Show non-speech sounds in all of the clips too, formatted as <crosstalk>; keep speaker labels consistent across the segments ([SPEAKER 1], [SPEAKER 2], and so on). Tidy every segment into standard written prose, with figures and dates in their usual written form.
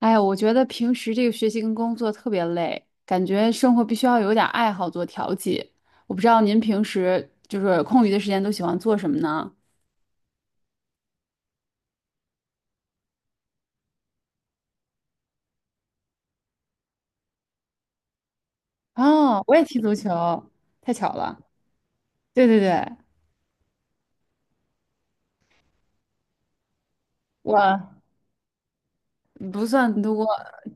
[SPEAKER 1] 哎呀，我觉得平时这个学习跟工作特别累，感觉生活必须要有点爱好做调剂。我不知道您平时就是空余的时间都喜欢做什么呢？哦，我也踢足球，太巧了。对对对。我不算多，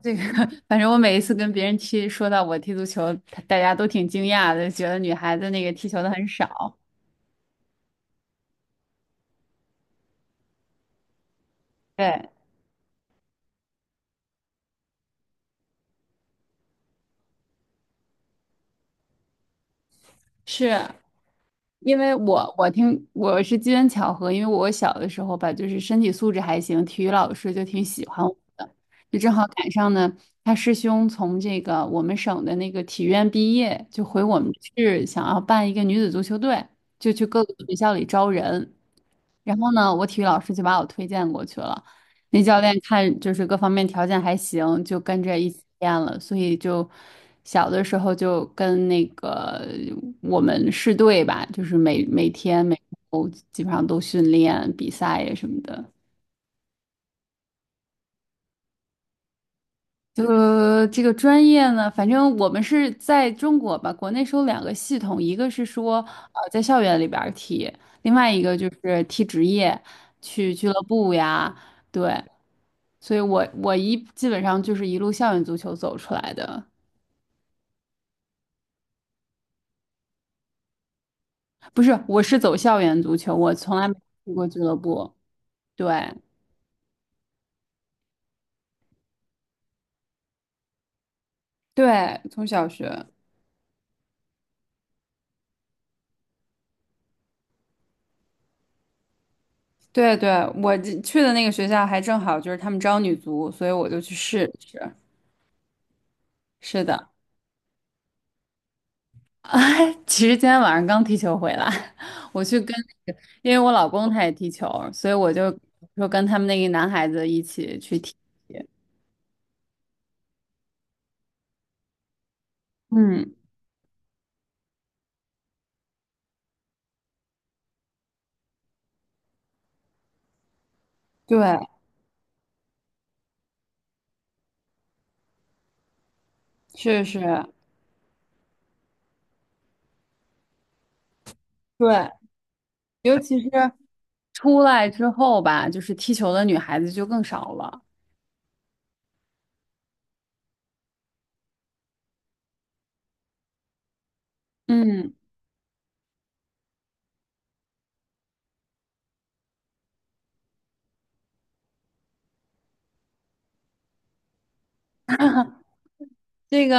[SPEAKER 1] 这个 <laughs> 反正我每一次跟别人踢，说到我踢足球，大家都挺惊讶的，觉得女孩子那个踢球的很少。对，是。因为我是机缘巧合，因为我小的时候吧，就是身体素质还行，体育老师就挺喜欢我的，就正好赶上呢，他师兄从这个我们省的那个体院毕业，就回我们市想要办一个女子足球队，就去各个学校里招人，然后呢，我体育老师就把我推荐过去了。那教练看就是各方面条件还行，就跟着一起练了，所以就小的时候就跟那个我们市队吧，就是每周基本上都训练比赛呀什么的。这个专业呢，反正我们是在中国吧，国内是有两个系统，一个是说在校园里边儿踢，另外一个就是踢职业，去俱乐部呀，对，所以我基本上就是一路校园足球走出来的。不是，我是走校园足球，我从来没踢过俱乐部。对对，从小学。对对，我这去的那个学校还正好就是他们招女足，所以我就去试了试，是的。<laughs> 哎，其实今天晚上刚踢球回来，<laughs> 我去跟那个，因为我老公他也踢球，所以我就说跟他们那个男孩子一起去踢。嗯。对，是是。对。尤其是出来之后吧，就是踢球的女孩子就更少了。嗯，这个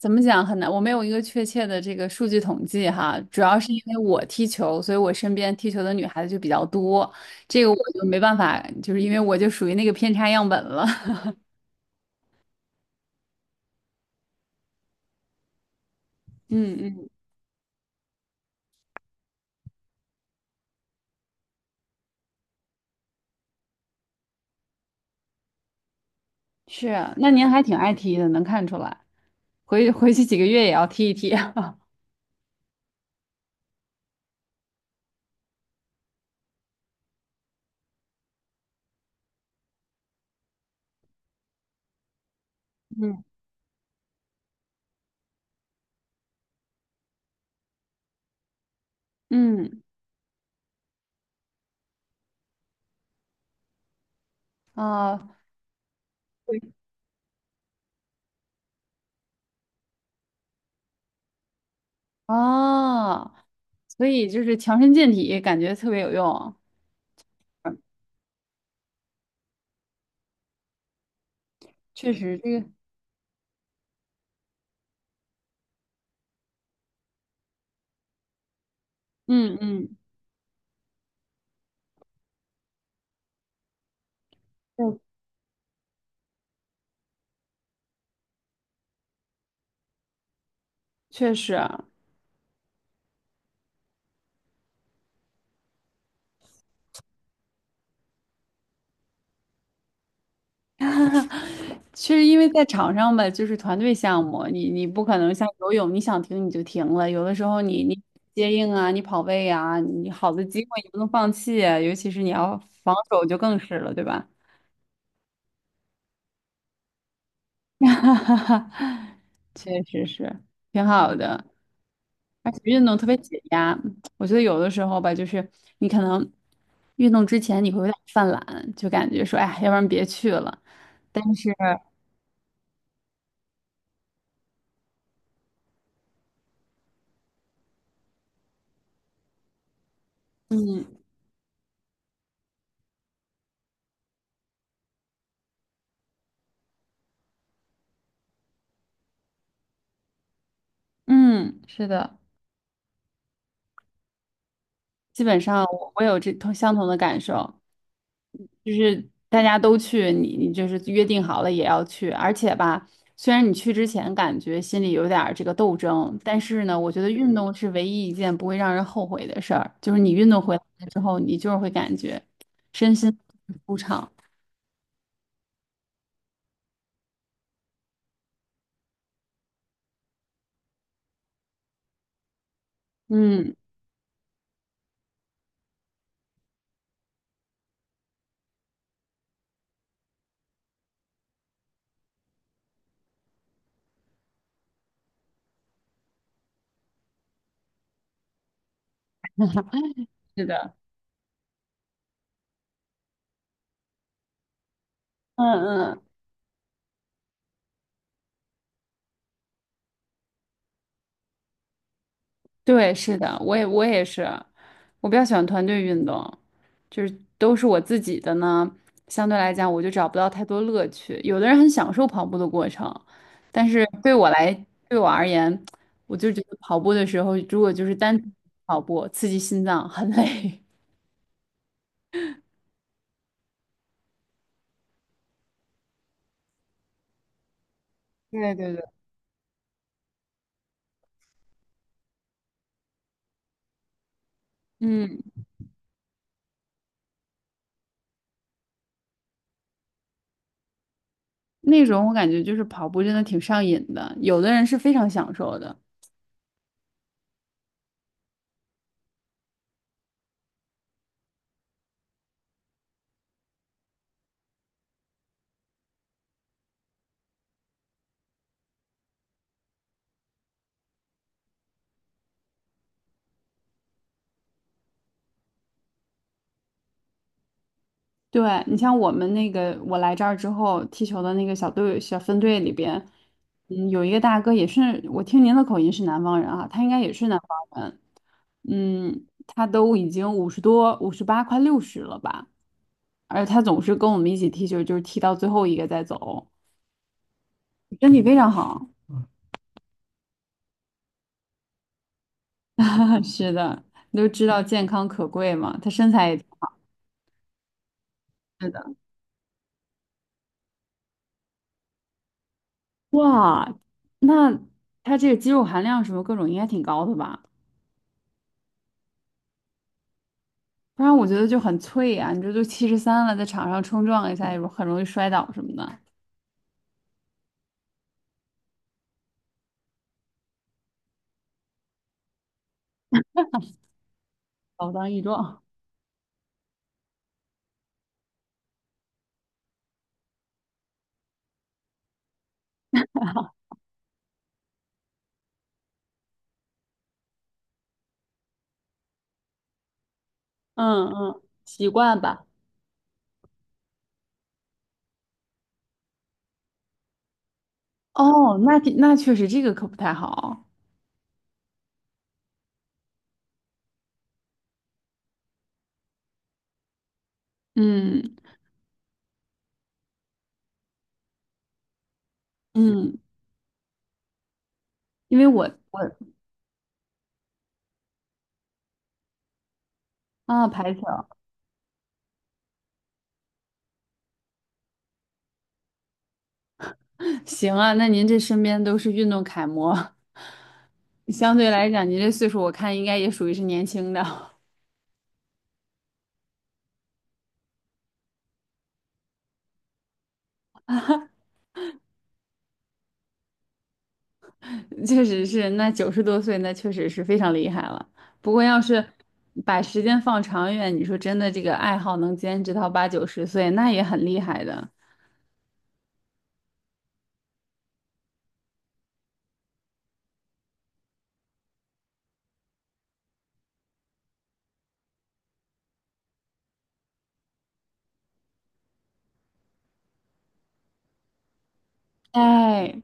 [SPEAKER 1] 怎么讲很难，我没有一个确切的这个数据统计哈，主要是因为我踢球，所以我身边踢球的女孩子就比较多，这个我就没办法，就是因为我就属于那个偏差样本了。嗯嗯。是啊那您还挺爱踢的，能看出来。回回去几个月也要踢一踢。<laughs> 嗯嗯啊对啊，所以就是强身健体，感觉特别有用。确实，这个嗯嗯。对。确实啊。<laughs> 确实因为在场上吧，就是团队项目，你不可能像游泳，你想停你就停了。有的时候你接应啊，你跑位啊，你好的机会你不能放弃啊，尤其是你要防守就更是了，对吧？<laughs> 哈哈哈，确实是挺好的，而且运动特别解压。我觉得有的时候吧，就是你可能运动之前你会有点犯懒，就感觉说，哎要不然别去了。嗯嗯，是的，基本上我有这同相同的感受。就是大家都去，你就是约定好了也要去，而且吧，虽然你去之前感觉心里有点儿这个斗争，但是呢，我觉得运动是唯一一件不会让人后悔的事儿，就是你运动回来之后，你就是会感觉身心舒畅。嗯，是的。嗯嗯对，是的，我也是，我比较喜欢团队运动，就是都是我自己的呢，相对来讲我就找不到太多乐趣。有的人很享受跑步的过程，但是对我来，对我而言，我就觉得跑步的时候，如果就是单纯跑步，刺激心脏很累。<laughs> 对对对。嗯，那种我感觉就是跑步真的挺上瘾的，有的人是非常享受的。对，你像我们那个，我来这儿之后踢球的那个小队、小分队里边，嗯，有一个大哥也是，我听您的口音是南方人啊，他应该也是南方人，嗯，他都已经五十多、58，快60了吧，而他总是跟我们一起踢球，就是踢到最后一个再走，身体非常好。<laughs> 是的，都知道健康可贵嘛，他身材也挺好。是的。哇，那他这个肌肉含量什么各种应该挺高的吧？不然我觉得就很脆呀、你这都73了，在场上冲撞一下，也很容易摔倒什么的，老当益壮。嗯嗯，习惯吧。哦，那那确实这个可不太好。嗯。嗯，因为我啊排球。<laughs> 行啊，那您这身边都是运动楷模。<laughs> 相对来讲，您这岁数我看应该也属于是年轻的。确实是，那90多岁，那确实是非常厉害了。不过要是把时间放长远，你说真的，这个爱好能坚持到八九十岁，那也很厉害的。哎，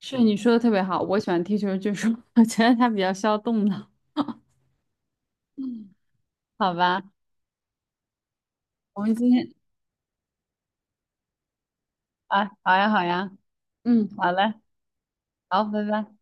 [SPEAKER 1] 是你说的特别好，我喜欢踢球，就是 <laughs> 我觉得它比较消动脑。好吧，我们今天啊，好呀好呀，嗯，好嘞，好，拜拜。